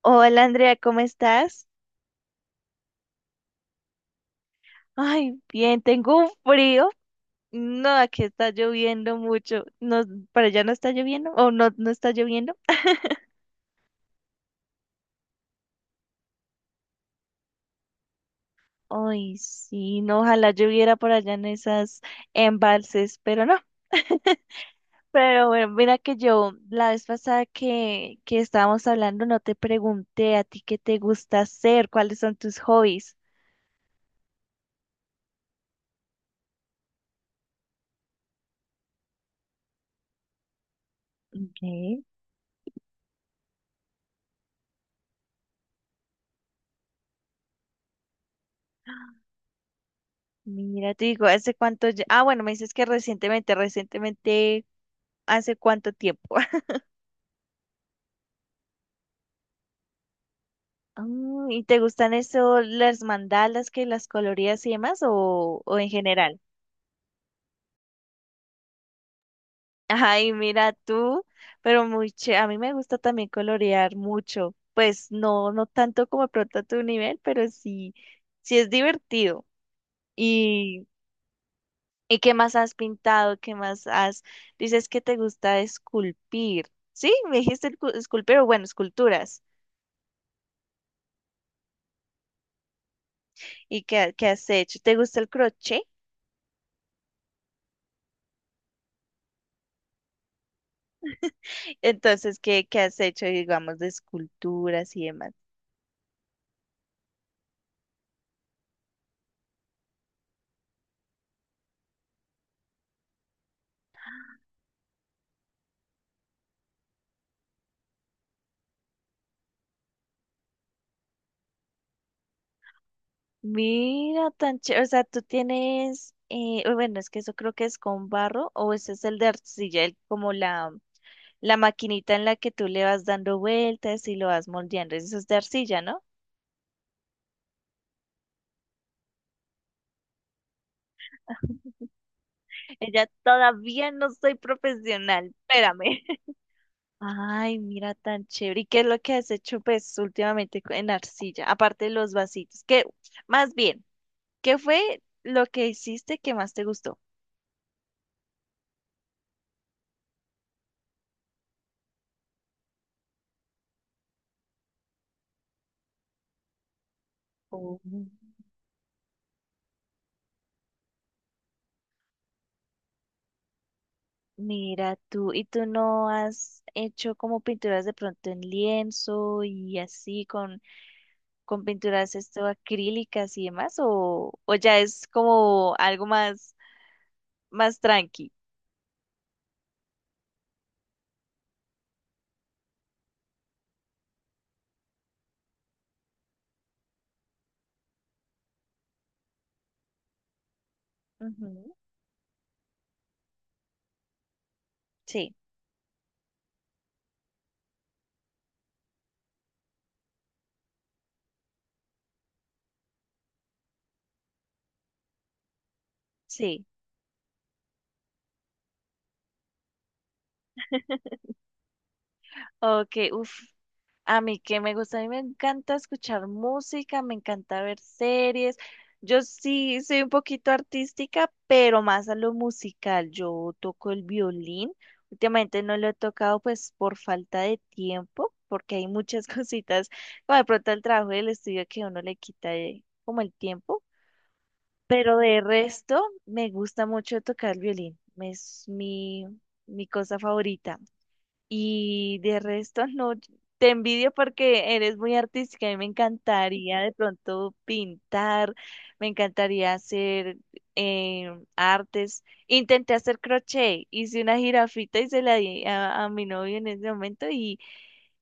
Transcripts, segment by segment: Hola Andrea, ¿cómo estás? Ay, bien, tengo un frío. No, aquí está lloviendo mucho. No, ¿para allá no está lloviendo? ¿O no, no está lloviendo? Ay, sí, no, ojalá lloviera por allá en esas embalses, pero no. Pero bueno, mira que yo la vez pasada que estábamos hablando no te pregunté a ti qué te gusta hacer, cuáles son tus hobbies. Ok. Mira, te digo, ¿hace cuánto? Ah, bueno, me dices que recientemente, recientemente. ¿Hace cuánto tiempo? ¿Y te gustan eso, las mandalas que las colorías y demás o en general? Ay, mira tú, pero a mí me gusta también colorear mucho. Pues no, no tanto como de pronto a tu nivel, pero sí, sí es divertido. ¿Y, ¿Y qué más has pintado? ¿Qué más has? Dices que te gusta esculpir. Sí, me dijiste esculpir, o bueno, esculturas. ¿Y qué has hecho? ¿Te gusta el crochet? Entonces, ¿qué has hecho, digamos, de esculturas y demás? Mira, tan chévere. O sea, tú tienes, uy, bueno, es que eso creo que es con barro o ese es el de arcilla, como la maquinita en la que tú le vas dando vueltas y lo vas moldeando. Eso es de arcilla, ¿no? Ella todavía no soy profesional, espérame. Ay, mira, tan chévere. ¿Y qué es lo que has hecho, pues, últimamente en arcilla? Aparte de los vasitos, que, más bien, ¿qué fue lo que hiciste que más te gustó? Oh, mira tú, ¿y tú no has hecho como pinturas de pronto en lienzo y así con pinturas esto acrílicas y demás? O ya es como algo más, más tranqui? Ujú. Sí, sí. Ok, uff. A mí que me gusta, a mí me encanta escuchar música, me encanta ver series. Yo sí soy un poquito artística, pero más a lo musical. Yo toco el violín. Últimamente no lo he tocado pues por falta de tiempo, porque hay muchas cositas, como de pronto el trabajo del estudio que uno le quita como el tiempo. Pero de resto, me gusta mucho tocar el violín. Es mi, mi cosa favorita. Y de resto, no, te envidio porque eres muy artística y me encantaría de pronto pintar, me encantaría hacer eh, artes. Intenté hacer crochet, hice una jirafita y se la di a mi novio en ese momento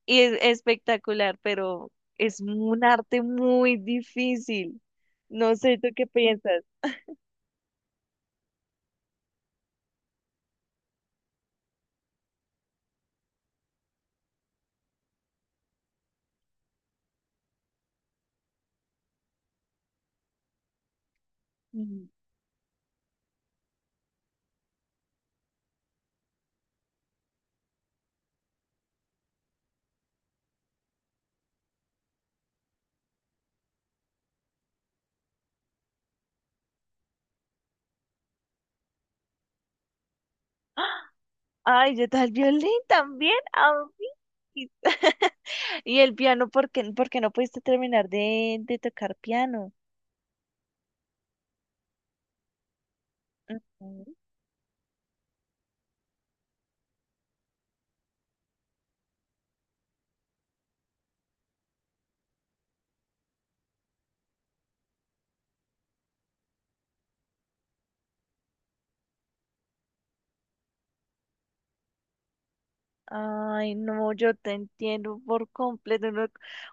y es espectacular, pero es un arte muy difícil. No sé, ¿tú qué piensas? Mm. Ay, yo tal violín también, a mí. ¿Y el piano? Por qué no pudiste terminar de tocar piano? Ujú. Ay, no, yo te entiendo por completo.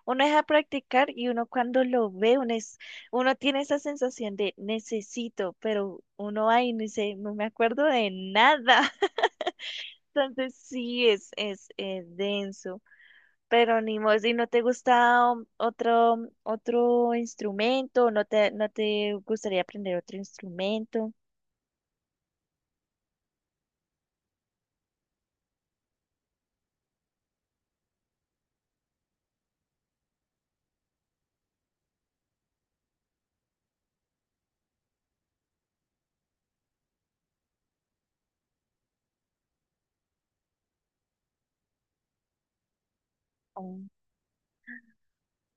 Uno deja practicar y uno cuando lo ve, uno tiene esa sensación de necesito, pero uno ahí no dice, no me acuerdo de nada. Entonces sí es denso. Pero ni modo, si no te gusta otro, otro instrumento, no te gustaría aprender otro instrumento.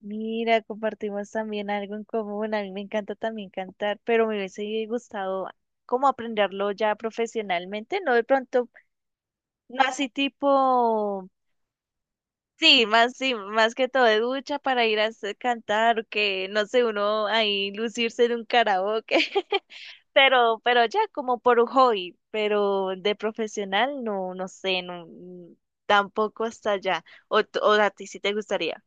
Mira, compartimos también algo en común. A mí me encanta también cantar, pero me hubiese gustado como aprenderlo ya profesionalmente, no de pronto, no así tipo, sí, más que todo de ducha para ir a cantar, que no sé, uno ahí lucirse en un karaoke, pero ya como por un hobby, pero de profesional no, no sé, no, tampoco hasta allá. O, o a ti sí te gustaría.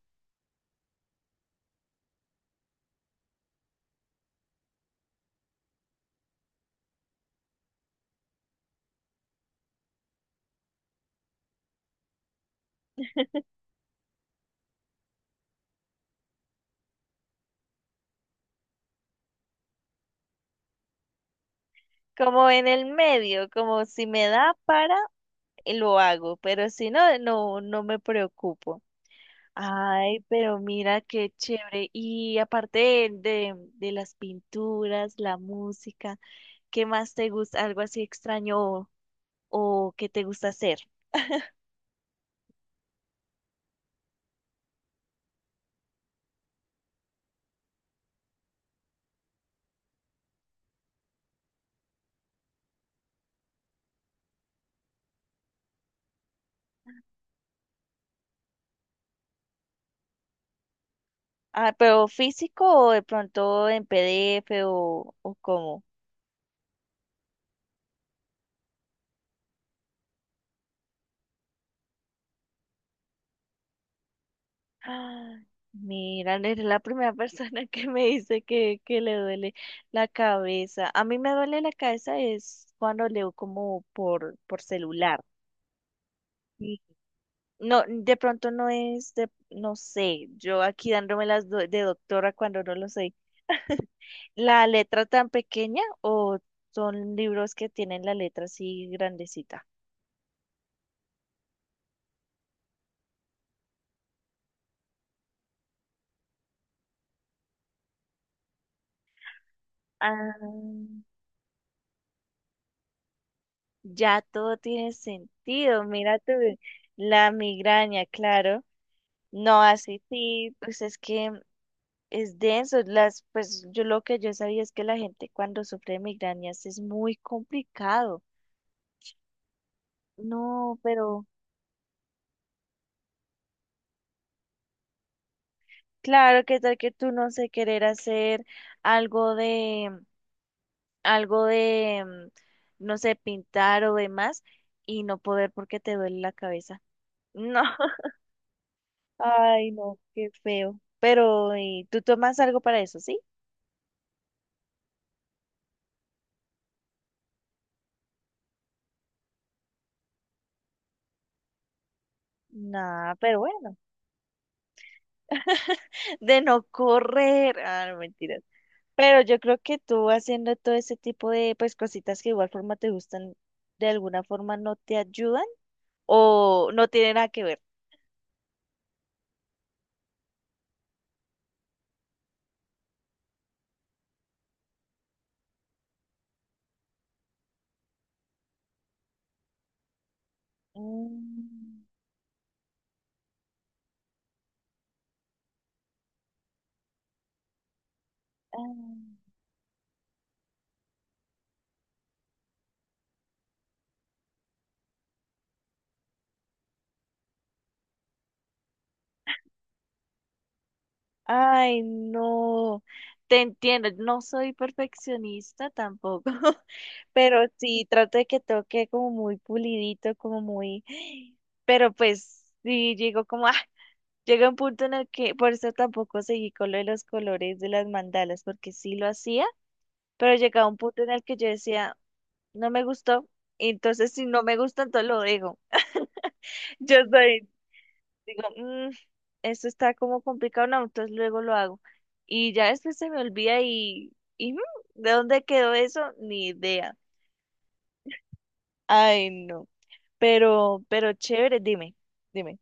Como en el medio, como si me da para, lo hago, pero si no, no me preocupo. Ay, pero mira qué chévere. Y aparte de las pinturas, la música, ¿qué más te gusta? ¿Algo así extraño o que te gusta hacer? Ah, pero físico o de pronto en PDF o cómo. Ah, mira, eres la primera persona que me dice que le duele la cabeza. A mí me duele la cabeza es cuando leo como por celular. Y no, de pronto no es de, no sé, yo aquí dándome las de doctora cuando no lo sé. ¿La letra tan pequeña o son libros que tienen la letra así grandecita? Ah, ya todo tiene sentido. Mira tú, la migraña, claro. No, así sí, pues es que es denso. Las, pues yo lo que yo sabía es que la gente cuando sufre de migrañas es muy complicado. No, pero claro que tal que tú no sé querer hacer algo de, algo de, mm, no sé, pintar o demás y no poder porque te duele la cabeza. No, ay, no, qué feo. Pero, ¿y tú tomas algo para eso, sí? Nada, pero bueno. De no correr. Ah, no, mentiras. Pero yo creo que tú haciendo todo ese tipo de pues cositas que de igual forma te gustan, de alguna forma no te ayudan o no tiene nada que ver. Mm, ah, ay, no, te entiendo, no soy perfeccionista tampoco, pero sí trato de que toque como muy pulidito, como muy, pero pues sí llego como, ah, llega un punto en el que por eso tampoco seguí con lo de los colores de las mandalas, porque sí lo hacía pero llegaba un punto en el que yo decía, no me gustó, y entonces si no me gusta, entonces lo digo. Yo soy, digo, "Mm, esto está como complicado, no, entonces luego lo hago. Y ya después se me olvida y mm, ¿de dónde quedó eso? Ni idea. Ay, no, pero chévere, dime, dime.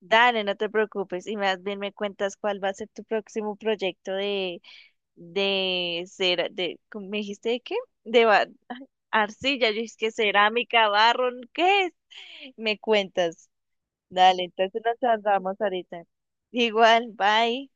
Dale, no te preocupes, y más bien me cuentas cuál va a ser tu próximo proyecto de cera, de, ¿cómo? ¿Me dijiste de qué? De ba- Arcilla, yo es que cerámica, barro, ¿qué es? Me cuentas. Dale, entonces nos andamos ahorita. Igual, bye.